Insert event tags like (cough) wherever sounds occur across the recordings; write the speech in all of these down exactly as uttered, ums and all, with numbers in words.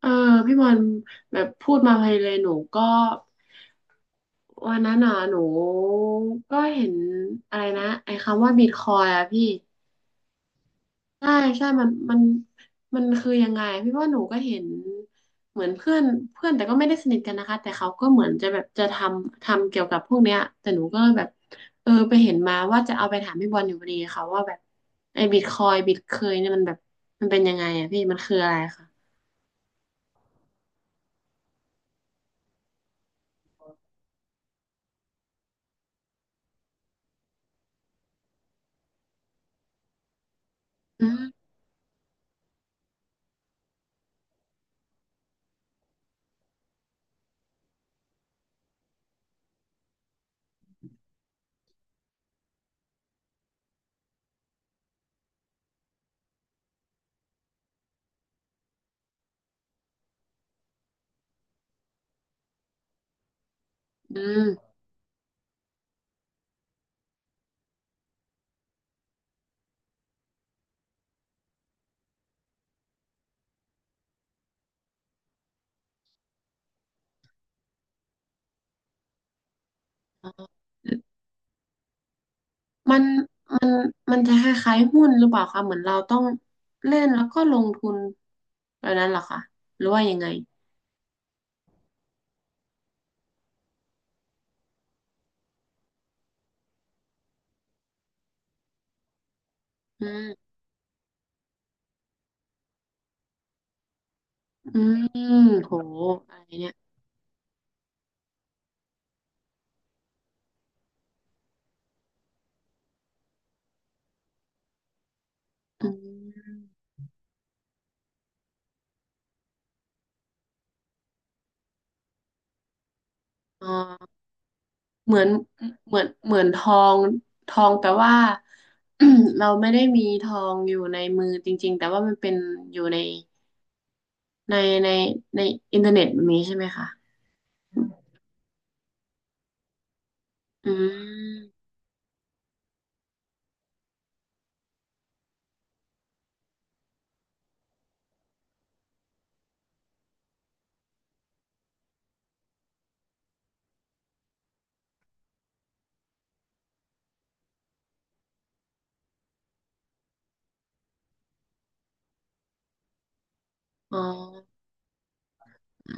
เออพี่บอลแบบพูดมาไพเลยหนูก็วันนั้นน่ะหนูก็เห็นอะไรนะไอ้คำว่าบิตคอยอะพี่ใช่ใช่มันมันมันคือยังไงพี่ว่าหนูก็เห็นเหมือนเพื่อนเพื่อนแต่ก็ไม่ได้สนิทกันนะคะแต่เขาก็เหมือนจะแบบจะทำทำเกี่ยวกับพวกเนี้ยแต่หนูก็แบบเออไปเห็นมาว่าจะเอาไปถามพี่บอลอยู่พอดีค่ะว่าแบบไอ้บิตคอยบิตเคยเนี่ยมันแบบมันเป็นยังไงอะพี่มันคืออะไรคะอืมอืมมัน มันจะคล้ายๆหุ้นหรือเปล่าคะเหมือนเราต้องเล่นแล้วก็ลงทุนแบบนั้นเหรอคะหรือว่ายังไงอืมอืมโหอะไรเนี่ยอืมอ่าเหมือนเหมือนเหมือนทองทองแต่ว่า (clears throat) เราไม่ได้มีทองอยู่ในมือจริงๆแต่ว่ามันเป็นอยู่ในในในในอินเทอร์เน็ตแบบนี้ใช่ไหมคะอืมอ๋อ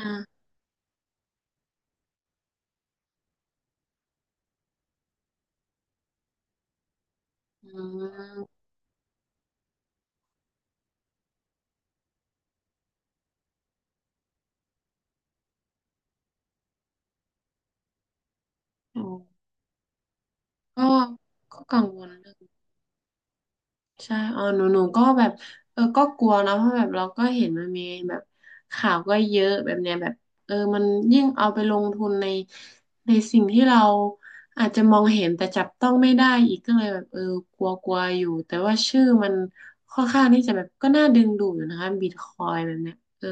อ่าอืมโอ้ก็ก็กังวล ใช่เออหนูหนูก็แบบเออก็กลัวนะเพราะแบบเราก็เห็นมันมีแบบข่าวก็เยอะแบบเนี้ยแบบเออมันยิ่งเอาไปลงทุนในในสิ่งที่เราอาจจะมองเห็นแต่จับต้องไม่ได้อีกก็เลยแบบเออกลัวกลัวอยู่แต่ว่าชื่อมันค่อนข้างที่จะแบบก็น่าดึงดูดอยู่นะคะบิตคอยแบบเนี้ยเออ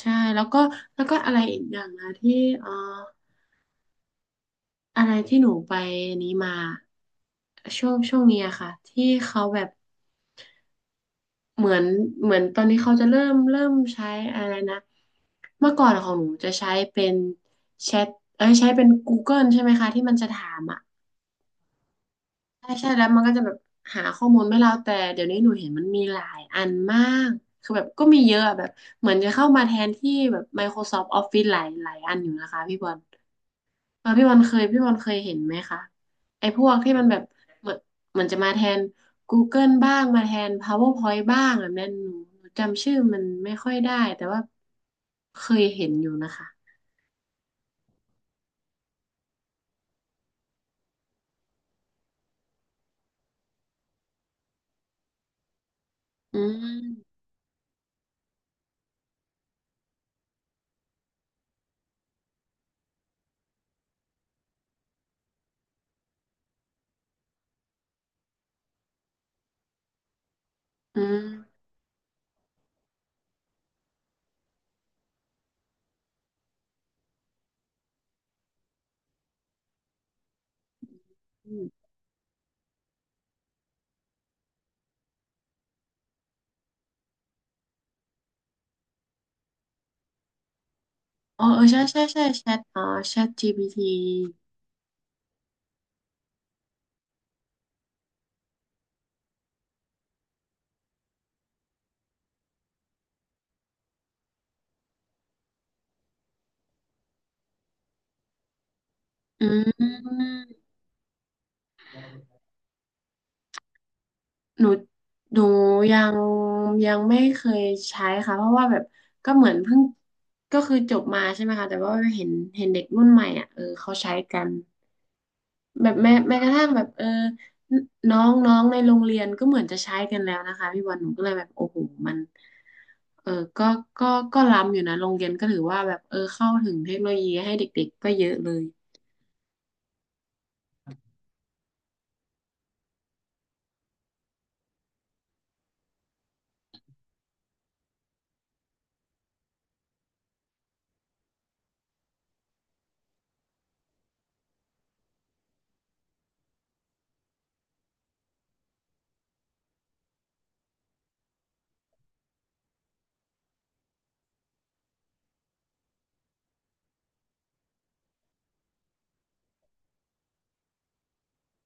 ใช่แล้วก็แล้วก็อะไรอีกอย่างนะที่เอออะไรที่หนูไปนี้มาช่วงช่วงนี้อะค่ะที่เขาแบบ เหมือนเหมือนตอนนี้เขาจะเริ่มเริ่มใช้อะไรนะเมื่อก่อนของหนูจะใช้เป็นแชทเอ้ยใช้เป็น Google ใช่ไหมคะที่มันจะถามอ่ะใช่ใช่แล้วมันก็จะแบบหาข้อมูลให้เราแต่เดี๋ยวนี้หนูเห็นมันมีหลายอันมากคือแบบก็มีเยอะอะแบบเหมือนจะเข้ามาแทนที่แบบ Microsoft Office หลายหลายอันอยู่นะคะพี่บอล เออพี่บันเคยพี่บอลเคยเห็นไหมคะไอ้พวกที่มันแบบเหมือนเหมือนจะมาแทน Google บ้างมาแทน PowerPoint บ้างแบบนั้นหนูหนูจำชื่อมันไม่ค่อยได้แต่ว่าเคยเห็นอยู่นะคะอืมอืมอมอ๋อเออใช่ใช่ใช่แชทอ๋อแชท จี พี ที อืมหนูหนูยังยังไม่เคยใช้ค่ะเพราะว่าแบบก็เหมือนเพิ่งก็คือจบมาใช่ไหมคะแต่ว่าเห็นเห็นเด็กรุ่นใหม่อ่ะเออเขาใช้กัน แบบแม้แม้กระทั่งแบบเออน้องน้องในโรงเรียนก็เหมือนจะใช้กันแล้วนะคะพี่บอลหนูก็เลยแบบโอ้โหมันเออก็ก็ก็ล้ำอยู่นะโรงเรียนก็ถือว่าแบบเออเข้าถึงเทคโนโลยีให้เด็กๆก็เยอะเลย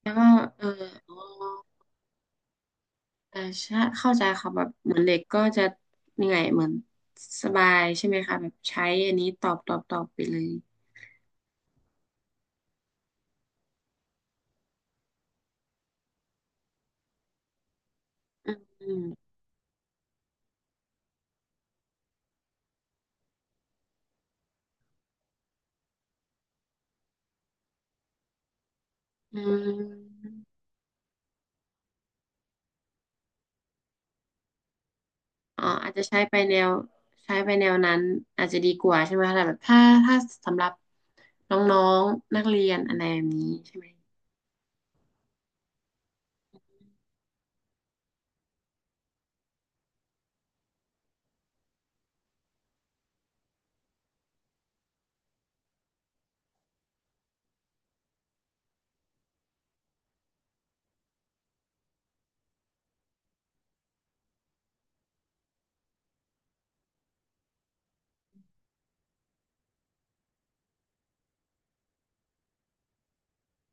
แล้วก็เอออ๋อเใช่เข้าใจค่ะแบบเหมือนเด็กก็จะยังไงเหมือนสบายใช่ไหมคะแบบใช้อันนี้ตอบตอบตอบไปเลยอืมอืม อ่าอาจจะใช้ไปแนวใช้ไปแนวนั้นอาจจะดีกว่าใช่ไหมคะแต่แบบถ้าถ้าสำหรับน้องๆนักเรียนอะไรแบบนี้ใช่ไหม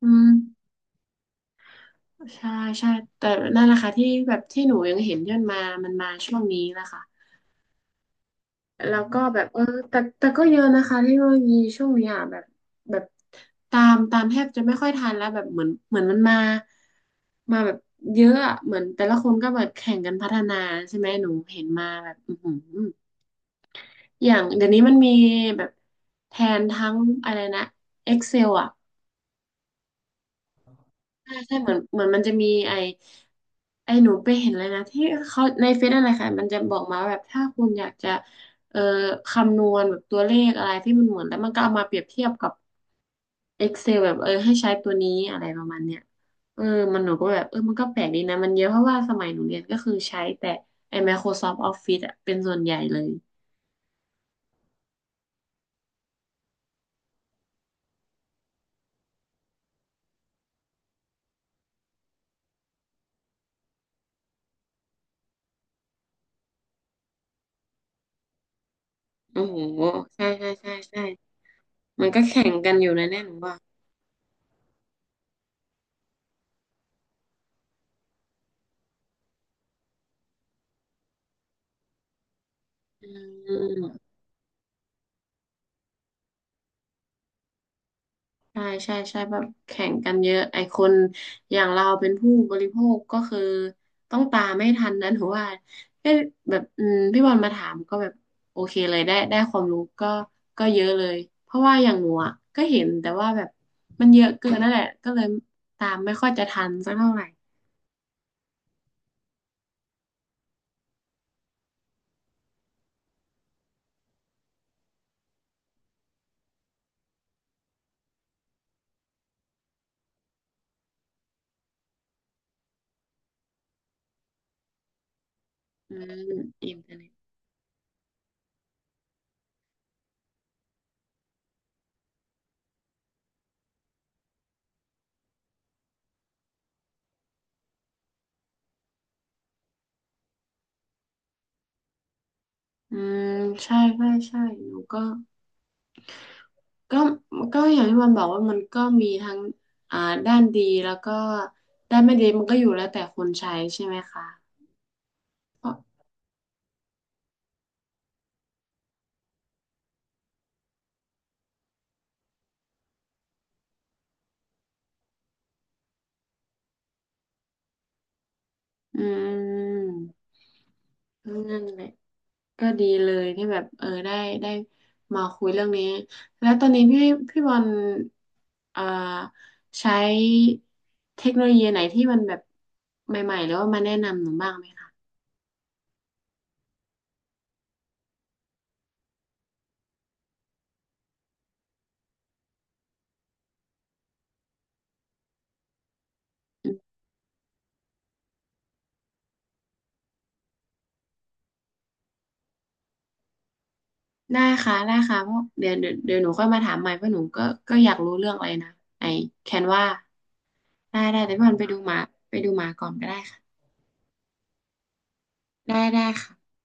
อืมใช่ใช่แต่นั่นแหละค่ะที่แบบที่หนูยังเห็นย่นมามันมาช่วงนี้แะค่ะแล้วก็แบบเออแต่แต่ก็เยอะนะคะเทคโนโลยีช่วงนี้อ่ะแบบแบบตามตามแทบจะไม่ค่อยทันแล้วแบบเหมือนเหมือนมันมามาแบบเยอะอะเหมือนแต่ละคนก็แบบแข่งกันพัฒนาใช่ไหมหนูเห็นมาแบบอือหือ อย่างเดี๋ยวนี้มันมีแบบแทนทั้งอะไรนะ Excel อ่ะใช่ใช่เหมือนเหมือนมันจะมีไอไอหนูไปเห็นเลยนะที่เขาในเฟซอะไรค่ะมันจะบอกมาแบบถ้าคุณอยากจะเอ่อคำนวณแบบตัวเลขอะไรที่มันเหมือนแล้วมันก็เอามาเปรียบเทียบกับ Excel แบบเออให้ใช้ตัวนี้อะไรประมาณเนี้ยเออมันหนูก็แบบเออมันก็แปลกดีนะมันเยอะเพราะว่าสมัยหนูเรียนก็คือใช้แต่ไอ Microsoft Office อะเป็นส่วนใหญ่เลยโอ้โหใช่ใช่ใช่ใช่ มันก็แข่งกันอยู่นะเนี่ยหนูว่าอืมอืมใช่ใช่ใช่แบบแข่งกันเยอะไอคนอย่างเราเป็นผู้บริโภคก็คือต้องตามไม่ทันนะหนูว่าก็แบบอืมพี่บอลมาถามก็แบบโอเคเลยได้ได้ความรู้ก็ก็เยอะเลยเพราะว่าอย่างหนูอ่ะก็เห็นแต่ว่าแบบมันเยอะเกินนั่นแหละก็เลยตามไม่ค่อยจะทันสักเท่าไหร่อืมอินเทอร์เน็ตอืมใช่ใช่ใช่หนูก็ ก็ก็อย่างที่มันบอกว่ามันก็มีทั้งอ่าด้านดีแล้วก็ด้านไม่ดีมันก็อยู่แล้วแต่คนใช้ใช่ไหมคะก็อืมนั่นแหละก็ดีเลยที่แบบเออได้ได้มาคุยเรื่องนี้แล้วตอนนี้พี่พี่บอลอ่าใช้เทคโนโลยีไหนที่มันแบบใหม่ๆหรือว่ามาแนะนำหนูบ้างไหมคะอืมได้ค่ะได้ค่ะเพราะเดี๋ยวเดี๋ยวเดี๋ยวหนูค่อยมาถามใหม่เพราะหนูก็ก็อยากรู้เรื่องอะไรนะไอ้แคนวา ได้ได้เดี๋ยวพี่บอลไปดูหมาไปดูหมาก่อนก็ได้ค่ะได้ได้ค่ะ